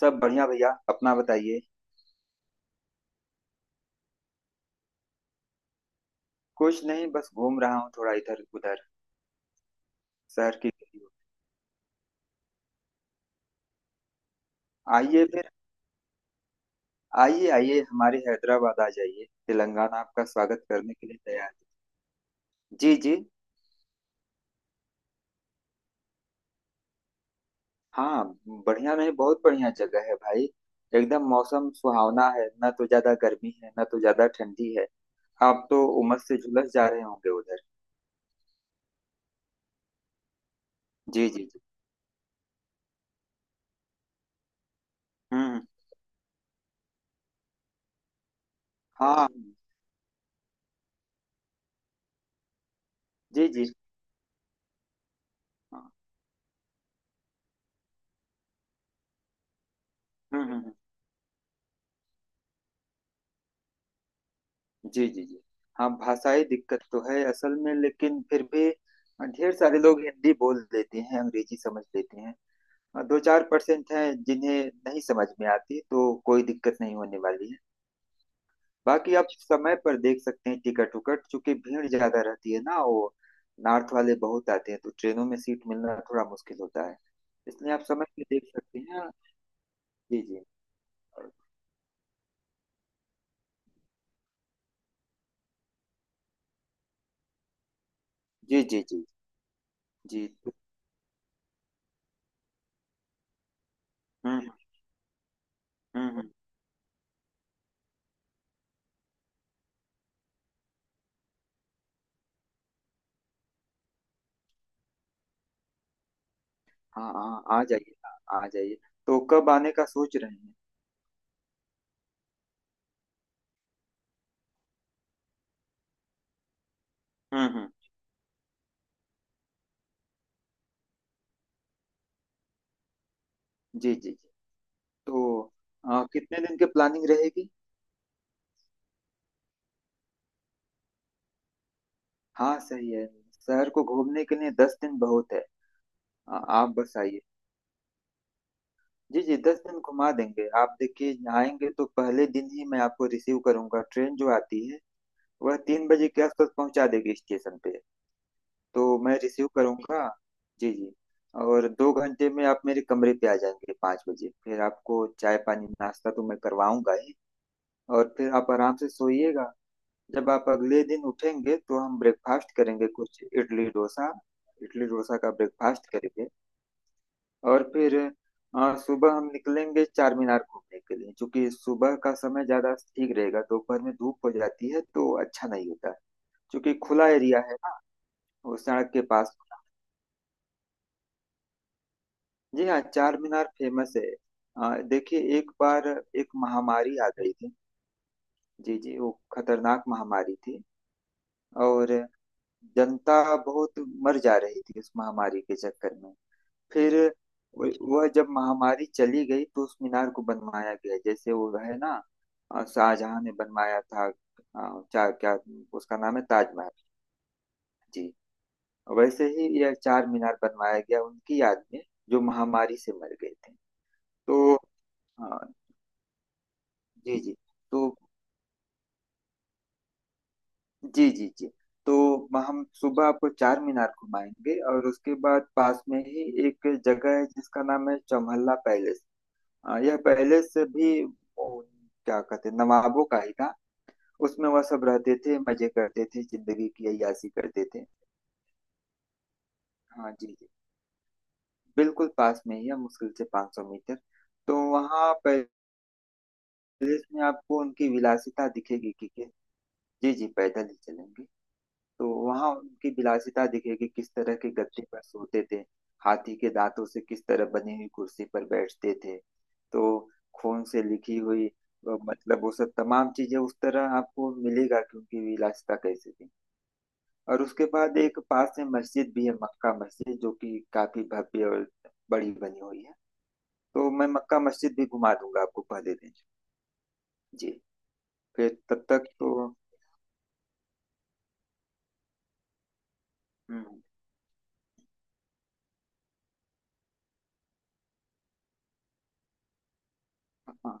सब बढ़िया भैया, अपना बताइए। कुछ नहीं, बस घूम रहा हूँ थोड़ा इधर उधर शहर की गलियों में। आइए फिर, आइए आइए हमारे हैदराबाद आ जाइए, तेलंगाना आपका स्वागत करने के लिए तैयार है। जी जी। हाँ, बढ़िया नहीं बहुत बढ़िया जगह है भाई। एकदम मौसम सुहावना है, ना तो ज्यादा गर्मी है ना तो ज्यादा ठंडी है। आप तो उमस से झुलस जा रहे होंगे उधर। जी जी जी। हम्म। हाँ। जी जी। हाँ, हम्म हम्म हम्म। जी जी जी। हाँ, भाषाई दिक्कत तो है असल में, लेकिन फिर भी हाँ, ढेर सारे लोग हिंदी बोल लेते हैं, अंग्रेजी समझ लेते हैं। और दो चार परसेंट हैं जिन्हें नहीं समझ में आती, तो कोई दिक्कत नहीं होने वाली है। बाकी आप समय पर देख सकते हैं टिकट उकट, चूंकि भीड़ ज्यादा रहती है ना, वो नॉर्थ वाले बहुत आते हैं तो ट्रेनों में सीट मिलना थोड़ा मुश्किल होता है। इसलिए आप समय पर देख सकते हैं। जी जी जी। जी तो, हम्म हम्म हम्म हाँ हाँ, आ जाइए, आ जाइए। तो कब आने का सोच रहे हैं? हम्म। जी जी जी। तो कितने दिन की प्लानिंग रहेगी? हाँ सही है, शहर को घूमने के लिए 10 दिन बहुत है। आप बस आइए। जी जी, 10 दिन घुमा देंगे। आप देखिए, आएंगे तो पहले दिन ही मैं आपको रिसीव करूंगा। ट्रेन जो आती है वह 3 बजे के आसपास पहुंचा देगी स्टेशन पे, तो मैं रिसीव करूंगा। जी जी। और 2 घंटे में आप मेरे कमरे पे आ जाएंगे 5 बजे, फिर आपको चाय पानी नाश्ता तो मैं करवाऊंगा ही। और फिर आप आराम से सोइएगा। जब आप अगले दिन उठेंगे तो हम ब्रेकफास्ट करेंगे, कुछ इडली डोसा, इडली डोसा का ब्रेकफास्ट करेंगे। और फिर सुबह हम निकलेंगे चार मीनार घूमने के लिए, क्योंकि सुबह का समय ज्यादा ठीक रहेगा, दोपहर में धूप हो जाती है तो अच्छा नहीं होता, क्योंकि खुला एरिया है ना, वो सड़क के पास। जी हाँ, चार मीनार फेमस है। देखिए एक बार, एक महामारी आ गई थी। जी जी, वो खतरनाक महामारी थी। और जनता बहुत मर जा रही थी उस महामारी के चक्कर में। फिर वह जब महामारी चली गई तो उस मीनार को बनवाया गया, जैसे वो है ना, शाहजहां ने बनवाया था, चार क्या, उसका नाम है ताजमहल। जी। वैसे ही यह चार मीनार बनवाया गया, उनकी याद में, जो महामारी से मर गए थे। तो अ, जी जी। तो जी जी जी। तो हम सुबह आपको चार मीनार घुमाएंगे, और उसके बाद पास में ही एक जगह है जिसका नाम है चौमहला पैलेस। यह पैलेस भी क्या कहते हैं, नवाबों का ही था। उसमें वह सब रहते थे, मजे करते थे, जिंदगी की अय्याशी करते थे। हाँ जी जी, बिल्कुल पास में ही है, मुश्किल से 500 मीटर। तो वहाँ पैलेस में आपको उनकी विलासिता दिखेगी कि जी जी, पैदल ही चलेंगे। तो वहां उनकी विलासिता दिखेगी, किस तरह के गद्दे पर सोते थे, हाथी के दांतों से किस तरह बनी हुई कुर्सी पर बैठते थे। तो खून से लिखी हुई मतलब वो सब तमाम चीजें उस तरह आपको मिलेगा कि उनकी विलासिता कैसे थी। और उसके बाद एक पास में मस्जिद भी है, मक्का मस्जिद, जो कि काफी भव्य और बड़ी बनी हुई है। तो मैं मक्का मस्जिद भी घुमा दूंगा आपको पहले दिन। जी, फिर तब तक तो, हम्म, हाँ।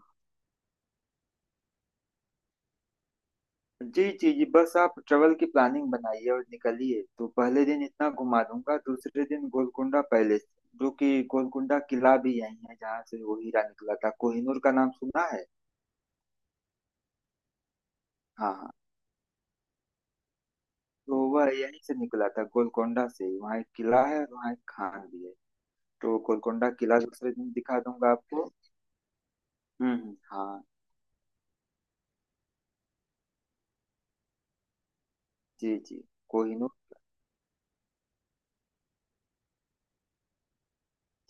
जी जी जी, बस आप ट्रेवल की प्लानिंग बनाइए और निकलिए, तो पहले दिन इतना घुमा दूंगा, दूसरे दिन गोलकुंडा पैलेस, जो कि गोलकुंडा किला भी यही है, जहाँ से वो हीरा निकला था, कोहिनूर का नाम सुना है? हाँ हाँ। तो वह यहीं से निकला था, गोलकुंडा से ही। वहाँ एक किला है और वहाँ एक खान भी है। तो गोलकुंडा किला दूसरे दिन दिखा दूंगा आपको। हाँ। जी जी। कोहिनूर,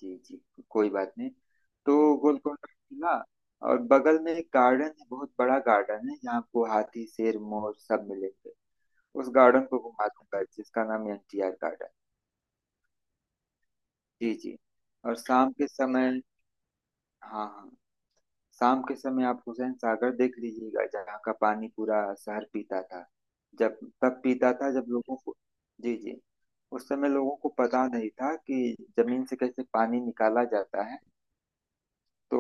जी जी, कोई बात नहीं। तो गोलकोंडा किला, और बगल में एक गार्डन है, बहुत बड़ा गार्डन है जहाँ आपको हाथी शेर मोर सब मिलेंगे। उस गार्डन को घुमा दूंगा जिसका नाम है एनटीआर गार्डन। जी जी। और शाम के समय, हाँ हाँ, शाम के समय आप हुसैन सागर देख लीजिएगा, जहाँ का पानी पूरा शहर पीता था, जब तब पीता था जब लोगों को, जी जी, उस समय लोगों को पता नहीं था कि जमीन से कैसे पानी निकाला जाता है। तो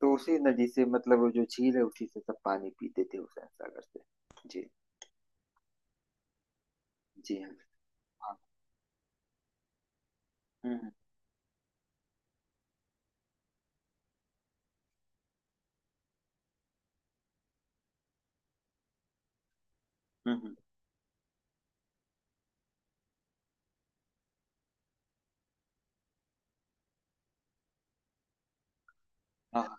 तो उसी नदी से, मतलब वो जो झील है उसी से सब पानी पीते थे, हुसैन सागर से। जी जी। हाँ हाँ। हम्म हम्म हम्म, हम्म। हाँ हाँ।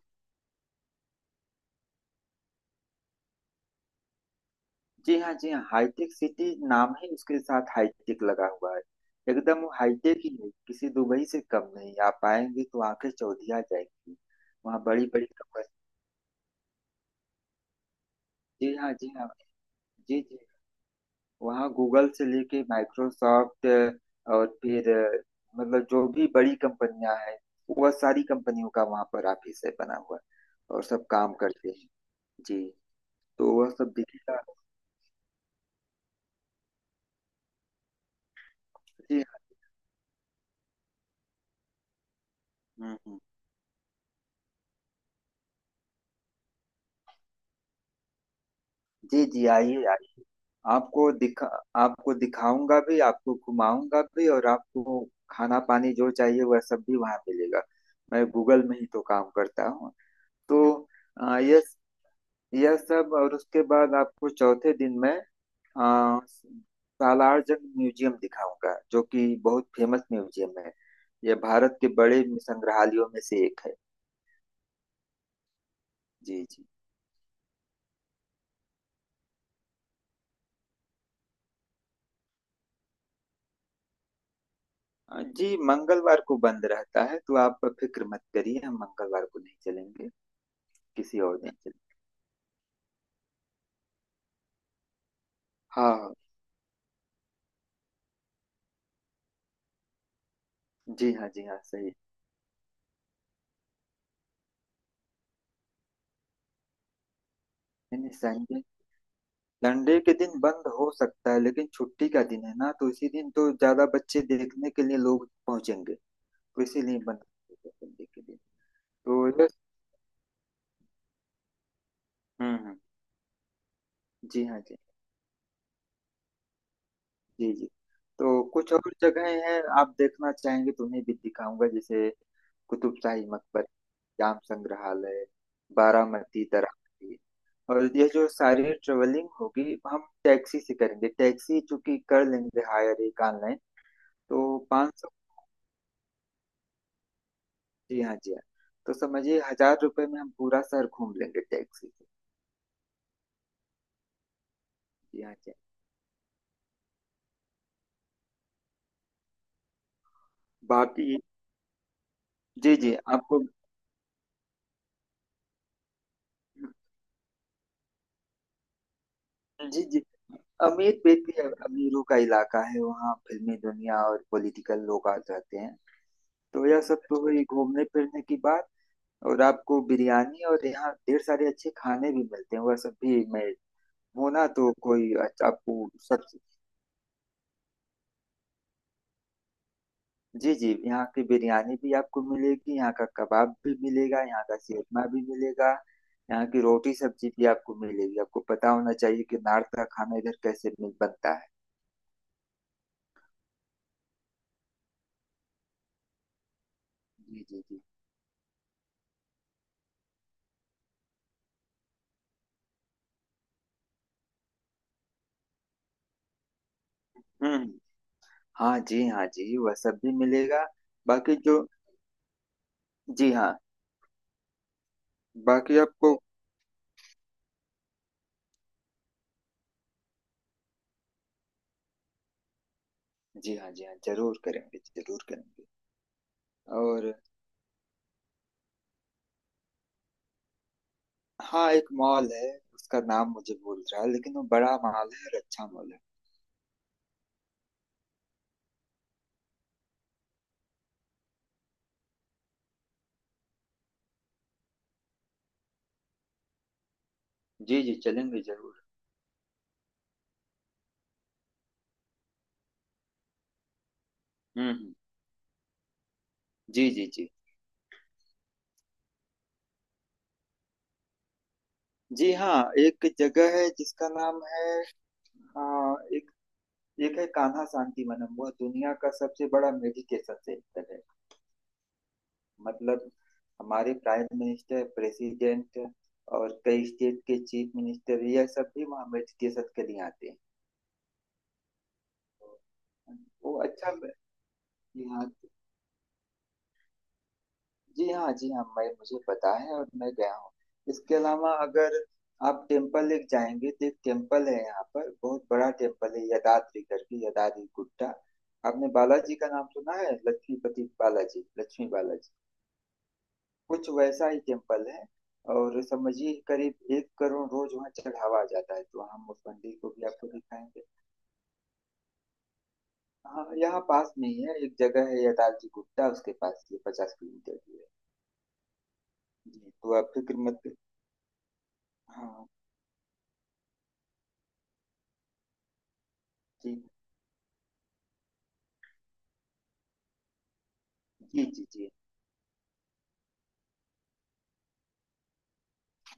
जी हाँ जी हाँ, हाईटेक सिटी नाम है उसके साथ हाईटेक लगा हुआ है, एकदम वो हाईटेक ही है, किसी दुबई से कम नहीं, आप आएंगे तो आंखें चौधिया जाएंगी। वहाँ बड़ी बड़ी कंपनी, जी हाँ जी हाँ, जी जी। वहाँ गूगल से लेके माइक्रोसॉफ्ट, और फिर मतलब जो भी बड़ी कंपनियां हैं, वह सारी कंपनियों का वहाँ पर ऑफिस है बना हुआ, और सब काम करते हैं। जी, तो वह सब दिखेगा। जी। हम्म हम्म। जी जी, आइए आइए, आपको दिखा, आपको दिखाऊंगा भी, आपको घुमाऊंगा भी, और आपको खाना पानी जो चाहिए वह सब भी वहाँ मिलेगा। मैं गूगल में ही तो काम करता हूँ। तो अ, यह यह सब, और उसके बाद आपको चौथे दिन में अ, सालार जंग म्यूजियम दिखाऊंगा, जो कि बहुत फेमस म्यूजियम है। यह भारत के बड़े संग्रहालयों में से एक है। जी जी। जी, मंगलवार को बंद रहता है, तो आप फिक्र मत करिए, हम मंगलवार को नहीं चलेंगे, किसी और दिन चलेंगे। हाँ। जी हाँ जी हाँ, सही। नहीं नहीं, संडे, संडे के दिन बंद हो सकता है, लेकिन छुट्टी का दिन है ना, तो इसी दिन तो ज्यादा बच्चे देखने के लिए लोग पहुंचेंगे, तो इसीलिए बंद होगा संडे के दिन। तो यस। हम्म हम्म, जी हाँ, जी। जी जी। तो कुछ और जगहें हैं आप देखना चाहेंगे तो उन्हें भी दिखाऊंगा, जैसे कुतुब शाही मकबर, जाम संग्रहालय, बारामती दरामती। और यह जो सारी ट्रेवलिंग होगी, हम टैक्सी से करेंगे, टैक्सी चूंकि कर लेंगे हायर एक ऑनलाइन। तो 500, जी हाँ जी हाँ, तो समझिए हजार रुपये में हम पूरा शहर घूम लेंगे टैक्सी से। जी हाँ जी हाँ। बाकी, जी जी, आपको, जी जी, अमीर पेट भी अमीरों का इलाका है, वहाँ फिल्मी दुनिया और पॉलिटिकल लोग आ जाते हैं। तो यह सब तो हुई घूमने फिरने की बात, और आपको बिरयानी और यहाँ ढेर सारे अच्छे खाने भी मिलते हैं, वह सब भी मैं होना तो कोई आपको सब, जी जी, यहाँ की बिरयानी भी आपको मिलेगी, यहाँ का कबाब भी मिलेगा, यहाँ का सेतमा भी मिलेगा, यहाँ की रोटी सब्जी भी आपको मिलेगी। आपको पता होना चाहिए कि नॉर्थ का खाना इधर कैसे मिल बनता है। जी जी जी। हम्म। हाँ जी हाँ जी, वह सब भी मिलेगा। बाकी जो, जी हाँ, बाकी आपको, जी हाँ जी हाँ, जरूर करेंगे जरूर करेंगे। और हाँ, एक मॉल है, उसका नाम मुझे भूल रहा है, लेकिन वो बड़ा मॉल है और अच्छा मॉल है। जी जी, चलेंगे जरूर। हम्म हम्म, जी जी जी। जी हाँ, एक जगह है जिसका नाम है, हाँ एक, एक है कान्हा शांति वनम, वह दुनिया का सबसे बड़ा मेडिटेशन सेंटर है। मतलब हमारे प्राइम मिनिस्टर, प्रेसिडेंट, और कई स्टेट के चीफ मिनिस्टर, यह सब भी वहाँ मेडिटेशन के लिए आते हैं। वो अच्छा जी हाँ, जी हाँ जी हाँ, मैं मुझे पता है, और मैं गया हूँ। इसके अलावा अगर आप टेम्पल लेक जाएंगे, तो एक टेम्पल है यहाँ पर, बहुत बड़ा टेम्पल है, यदाद्री करके, यदाद्री गुट्टा। आपने बालाजी का नाम सुना है, लक्ष्मीपति बालाजी, लक्ष्मी बालाजी, कुछ वैसा ही टेम्पल है। और समझिए करीब एक करोड़ रोज वहाँ चढ़ावा जाता है, तो हम उस मंदिर को भी आपको दिखाएंगे। हाँ, यहाँ पास में ही है, एक जगह है यदाद्री गुप्ता उसके पास, ये 50 किलोमीटर दूर है। जी तो आप फिक्र मत कर- हाँ, जी जी जी जी।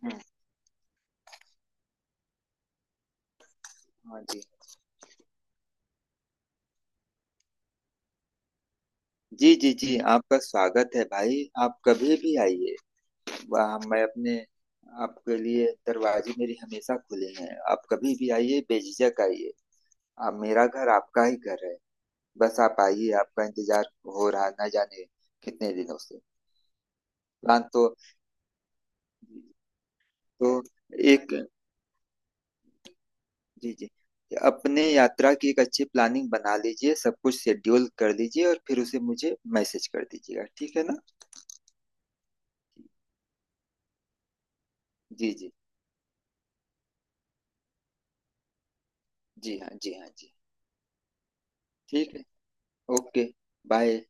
हम्म, हाँ। जी जी जी, जी आपका स्वागत है भाई, आप कभी भी आइए। वहाँ मैं अपने, आपके लिए दरवाजे मेरे हमेशा खुले हैं, आप कभी भी आइए, बेझिझक आइए। आप, मेरा घर आपका ही घर है। बस आप आइए, आपका इंतजार हो रहा ना जाने कितने दिनों से। प्लान तो एक, जी जी, अपने यात्रा की एक अच्छी प्लानिंग बना लीजिए, सब कुछ शेड्यूल कर लीजिए और फिर उसे मुझे मैसेज कर दीजिएगा, ठीक है ना। जी जी जी। हाँ जी हाँ जी। ठीक है। Okay, bye.